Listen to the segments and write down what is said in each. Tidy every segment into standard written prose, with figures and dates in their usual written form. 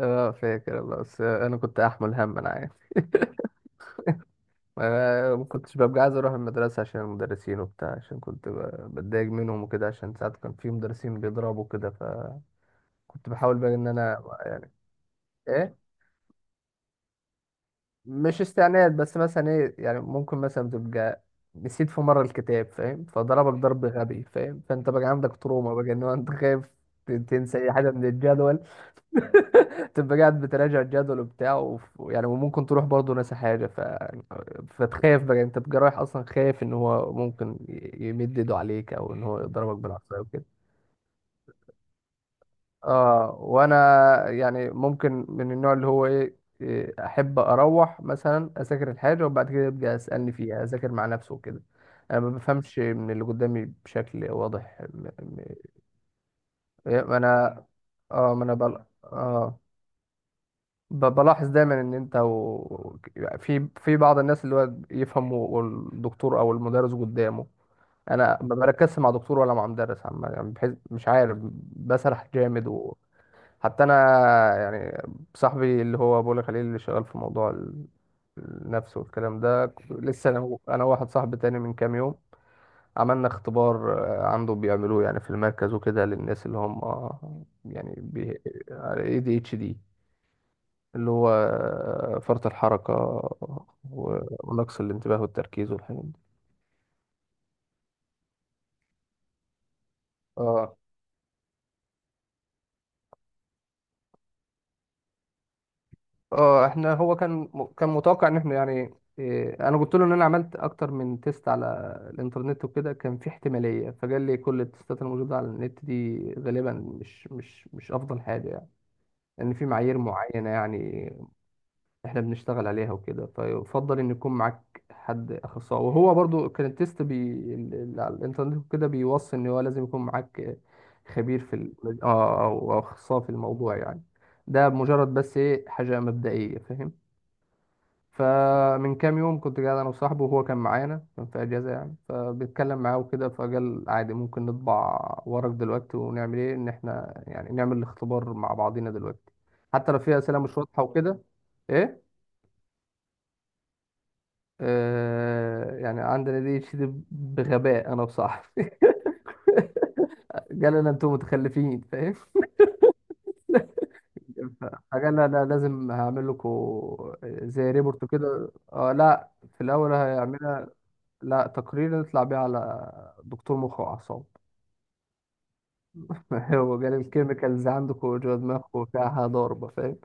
اه فاكر والله، بس انا كنت احمل هم انا عارف. ما كنتش ببقى عايز اروح المدرسه عشان المدرسين وبتاع، عشان كنت بتضايق منهم وكده، عشان ساعات كان في مدرسين بيضربوا كده، فكنت بحاول بقى ان انا يعني. ايه مش استعناد، بس مثلا ايه يعني، ممكن مثلا تبقى نسيت في مره الكتاب، فاهم، فضربك ضرب غبي، فاهم، فانت بقى عندك تروما بقى ان هو انت خايف تنسى اي حاجه من الجدول، تبقى قاعد بتراجع الجدول وبتاع يعني، وممكن تروح برضه ناسي حاجة. فتخاف بقى، انت بتبقى رايح اصلا خايف ان هو ممكن يمد ايده عليك او ان هو يضربك بالعصاية وكده. اه وانا يعني ممكن من النوع اللي هو ايه. احب اروح مثلا اذاكر الحاجة، وبعد كده يبقى اسألني فيها، اذاكر مع نفسه وكده. انا ما بفهمش من اللي قدامي بشكل واضح. انا. اه ما انا بل... اه بلاحظ دايما ان انت و... في في بعض الناس اللي هو يفهموا والدكتور او المدرس قدامه. انا ما بركزش مع دكتور ولا مع مدرس عم، يعني بحيث مش عارف، بسرح جامد. وحتى انا يعني، صاحبي اللي هو بقول لك عليه، اللي شغال في موضوع النفس والكلام ده، لسه انا انا واحد صاحبي تاني من كام يوم عملنا اختبار. عنده بيعملوه يعني في المركز وكده، للناس اللي هم، اي دي اتش دي، اللي هو فرط الحركة و- ونقص الانتباه والتركيز والحاجات دي. اه اه احنا هو كان، كان متوقع ان احنا يعني. إيه انا قلت له ان انا عملت اكتر من تيست على الانترنت وكده، كان في احتمالية، فقال لي كل التيستات الموجودة على النت دي غالبا مش افضل حاجة يعني، لان في معايير معينة يعني احنا بنشتغل عليها وكده، فيفضل ان يكون معاك حد اخصائي. وهو برضو كان التيست على الانترنت وكده بيوصي ان هو لازم يكون معاك خبير في ال... اه او أو اخصائي في الموضوع يعني. ده مجرد بس ايه حاجة مبدئية، فاهم. فمن كام يوم كنت قاعد انا وصاحبي، وهو كان معانا، كان في اجازة يعني، فبيتكلم معاه وكده، فقال عادي ممكن نطبع ورق دلوقتي ونعمل ايه، ان احنا يعني نعمل الاختبار مع بعضينا دلوقتي حتى لو في اسئلة مش واضحة وكده. ايه آه يعني عندنا دي تشيد بغباء انا بصراحه. قال لنا انتوا متخلفين، فاهم. فقال لنا انا لازم هعمل لكم زي ريبورت كده، آه لا في الاول هيعملها، لا تقرير نطلع بيه على دكتور مخ واعصاب. هو قال الكيميكالز عندكم جوه دماغكم فيها ضربه، فاهم.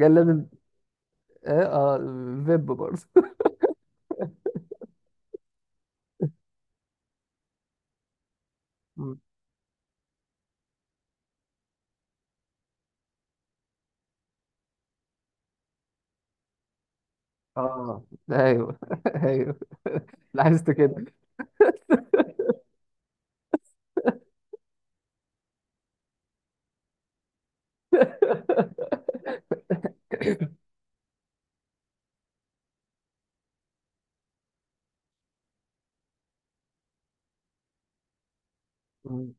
قال لازم. اه اه فيب برضه. مم. اه ايوه. ايوه. لاحظت كده. مم.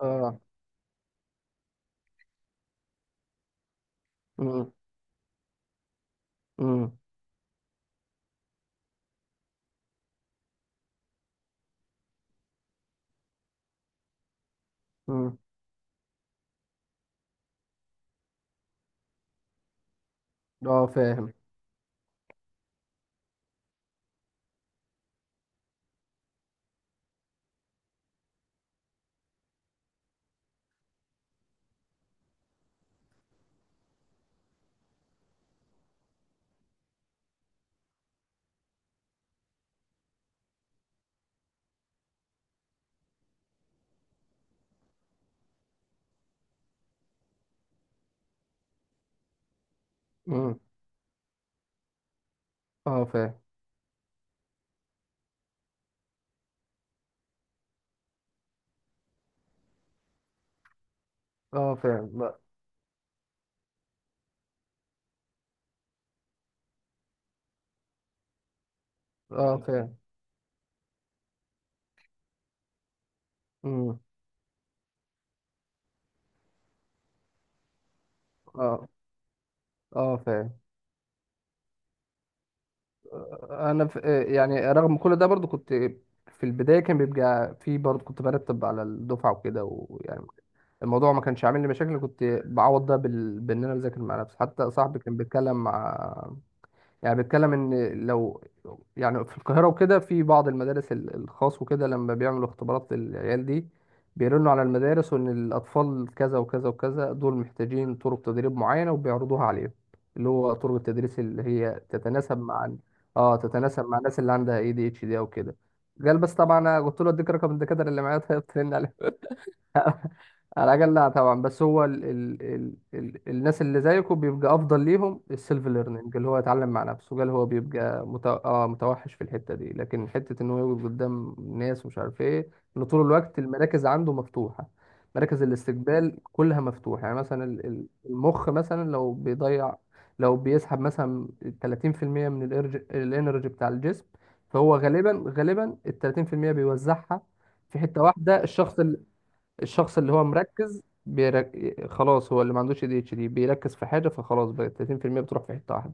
اه امم. امم. اه فاهم. امم. اه فاهم. اه فاهم. لا. اه فاهم. امم. اه. اه فاهم. آه، انا ف... آه، يعني رغم كل ده برضو كنت في البدايه، كان بيبقى في برضو كنت برتب على الدفعه وكده، ويعني الموضوع ما كانش عامل لي مشاكل، كنت بعوض ده بان انا بذاكر مع نفسي. حتى صاحبي كان بيتكلم مع، يعني بيتكلم ان، لو يعني في القاهرة وكده، في بعض المدارس الخاص وكده، لما بيعملوا اختبارات للعيال دي بيرنوا على المدارس وان الاطفال كذا وكذا وكذا دول محتاجين طرق تدريب معينة، وبيعرضوها عليهم، اللي هو طرق التدريس اللي هي تتناسب مع، اه تتناسب مع الناس اللي عندها اي دي اتش دي او كده. قال بس طبعا انا قلت له اديك رقم الدكاترة اللي معايا، طيب ترن عليهم. على العجل، لا طبعا، بس هو ال الناس اللي زيكم بيبقى افضل ليهم السيلف ليرنينج، اللي هو يتعلم مع نفسه. قال هو بيبقى مت... آه متوحش في الحته دي، لكن حته ان هو يقعد قدام ناس ومش عارف ايه، ان طول الوقت المراكز عنده مفتوحه، مراكز الاستقبال كلها مفتوحه. يعني مثلا المخ مثلا لو بيضيع، لو بيسحب مثلا 30% من الانرجي بتاع الجسم، فهو غالبا غالبا ال 30% بيوزعها في حته واحده. الشخص الشخص اللي هو مركز خلاص، هو اللي ما عندوش اي دي اتش دي بيركز في حاجه، فخلاص بقى 30% بتروح في حته واحده،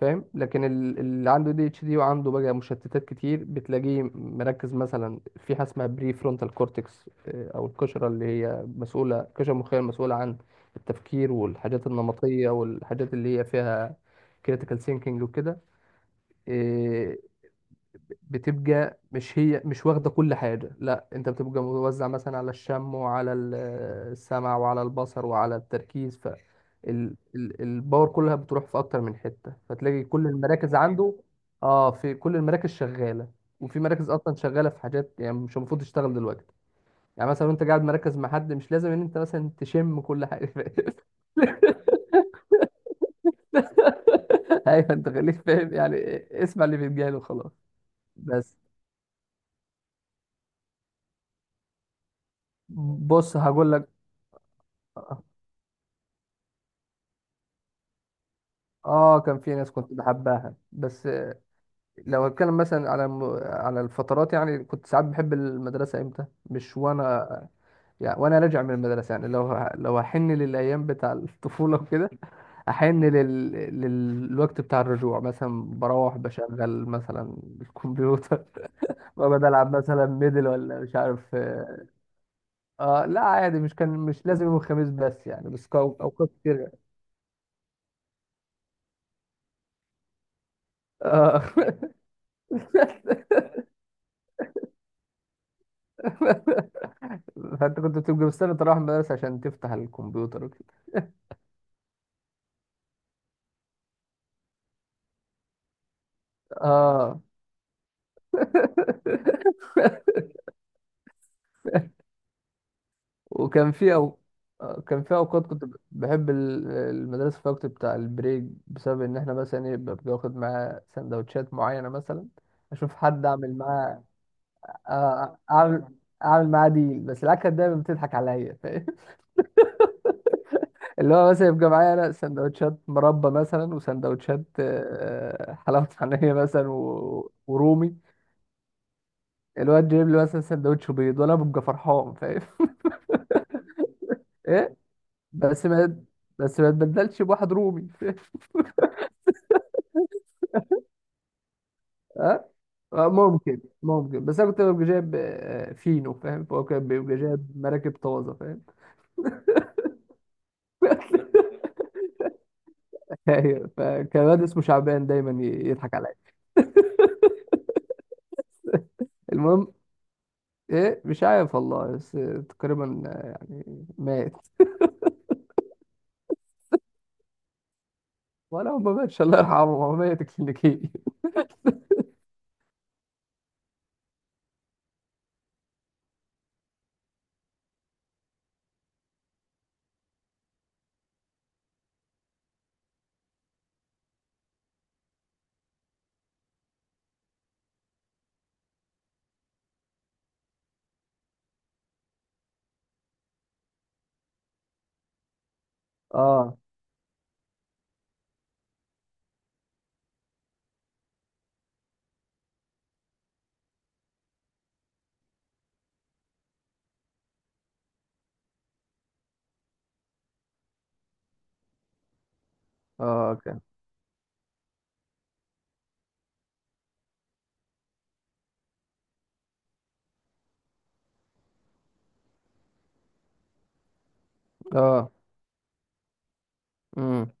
فاهم. لكن اللي عنده دي اتش دي وعنده بقى مشتتات كتير، بتلاقيه مركز مثلا في حاجه اسمها بري فرونتال كورتكس، او القشره اللي هي مسؤوله، القشره المخيه المسؤوله عن التفكير والحاجات النمطيه والحاجات اللي هي فيها كريتيكال ثينكينج وكده. آه، بتبقى مش واخدة كل حاجة، لا انت بتبقى موزع مثلا على الشم وعلى السمع وعلى البصر وعلى التركيز، ف الباور كلها بتروح في اكتر من حتة، فتلاقي كل المراكز عنده. اه في كل المراكز شغالة، وفي مراكز اصلا شغالة في حاجات يعني مش المفروض تشتغل دلوقتي. يعني مثلا وانت قاعد مركز مع حد، مش لازم ان انت مثلا تشم كل حاجة. ايوه انت خليك فاهم يعني، اسمع اللي في دماغه وخلاص. بس بص هقول لك، اه كان في ناس كنت بحبها. بس لو هتكلم مثلا على الفترات، يعني كنت ساعات بحب المدرسة امتى؟ مش وانا، يعني وانا راجع من المدرسة. يعني لو هحن للايام بتاع الطفولة وكده، احن للوقت بتاع الرجوع، مثلا بروح بشغل مثلا الكمبيوتر، بقعد العب مثلا ميدل ولا مش عارف. اه لا عادي، مش كان مش لازم يوم الخميس، بس يعني بس اوقات كتير. اه فانت كنت بتبقى مستني تروح المدرسة عشان تفتح الكمبيوتر وكده. اه وكان في أو... آه، كان في اوقات كنت بحب المدرسة في الوقت بتاع البريك، بسبب ان احنا مثلا ايه ببقى واخد معاه سندوتشات معينة مثلا، اشوف حد اعمل معاه. اعمل اعمل معاه ديل، بس العيال كانت دايما بتضحك عليا، فاهم؟ اللي هو مثلا يبقى معايا انا سندوتشات مربى مثلا، وسندوتشات حلاوة طحينية مثلا ورومي، الواد جايب لي مثلا سندوتش بيض، وانا ببقى فرحان، فاهم. ايه، بس ما بس ما تبدلش بواحد رومي. ها ممكن بس انا كنت ببقى جايب فينو، فاهم، فهو كان بيبقى جايب مراكب طازه، فاهم. ايوه. فكان واد اسمه شعبان دايما يضحك عليا. المهم ايه مش عارف والله، بس تقريبا يعني مات، ولا هو ما ماتش، الله يرحمه هو ميت كلينيكي. اه اه اوكي. اه امم.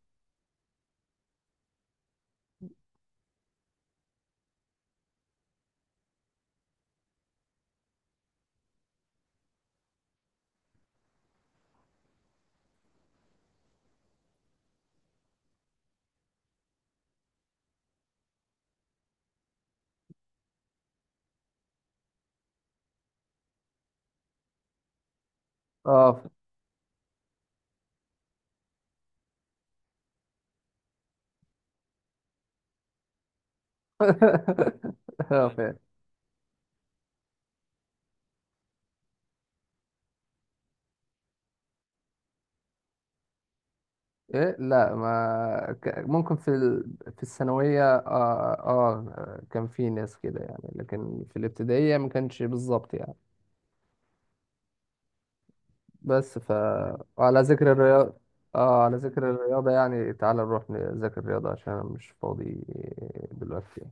اه ف- اه فاهم. إيه؟ لا ما ك- ممكن في الثانوية، آه, آه كان في ناس كده يعني، لكن في الابتدائية ما كانش بالظبط يعني. بس ف على ذكر الرياضة، آه على ذكر الرياضة يعني تعال نروح نذاكر الرياضة عشان أنا مش فاضي دلوقتي.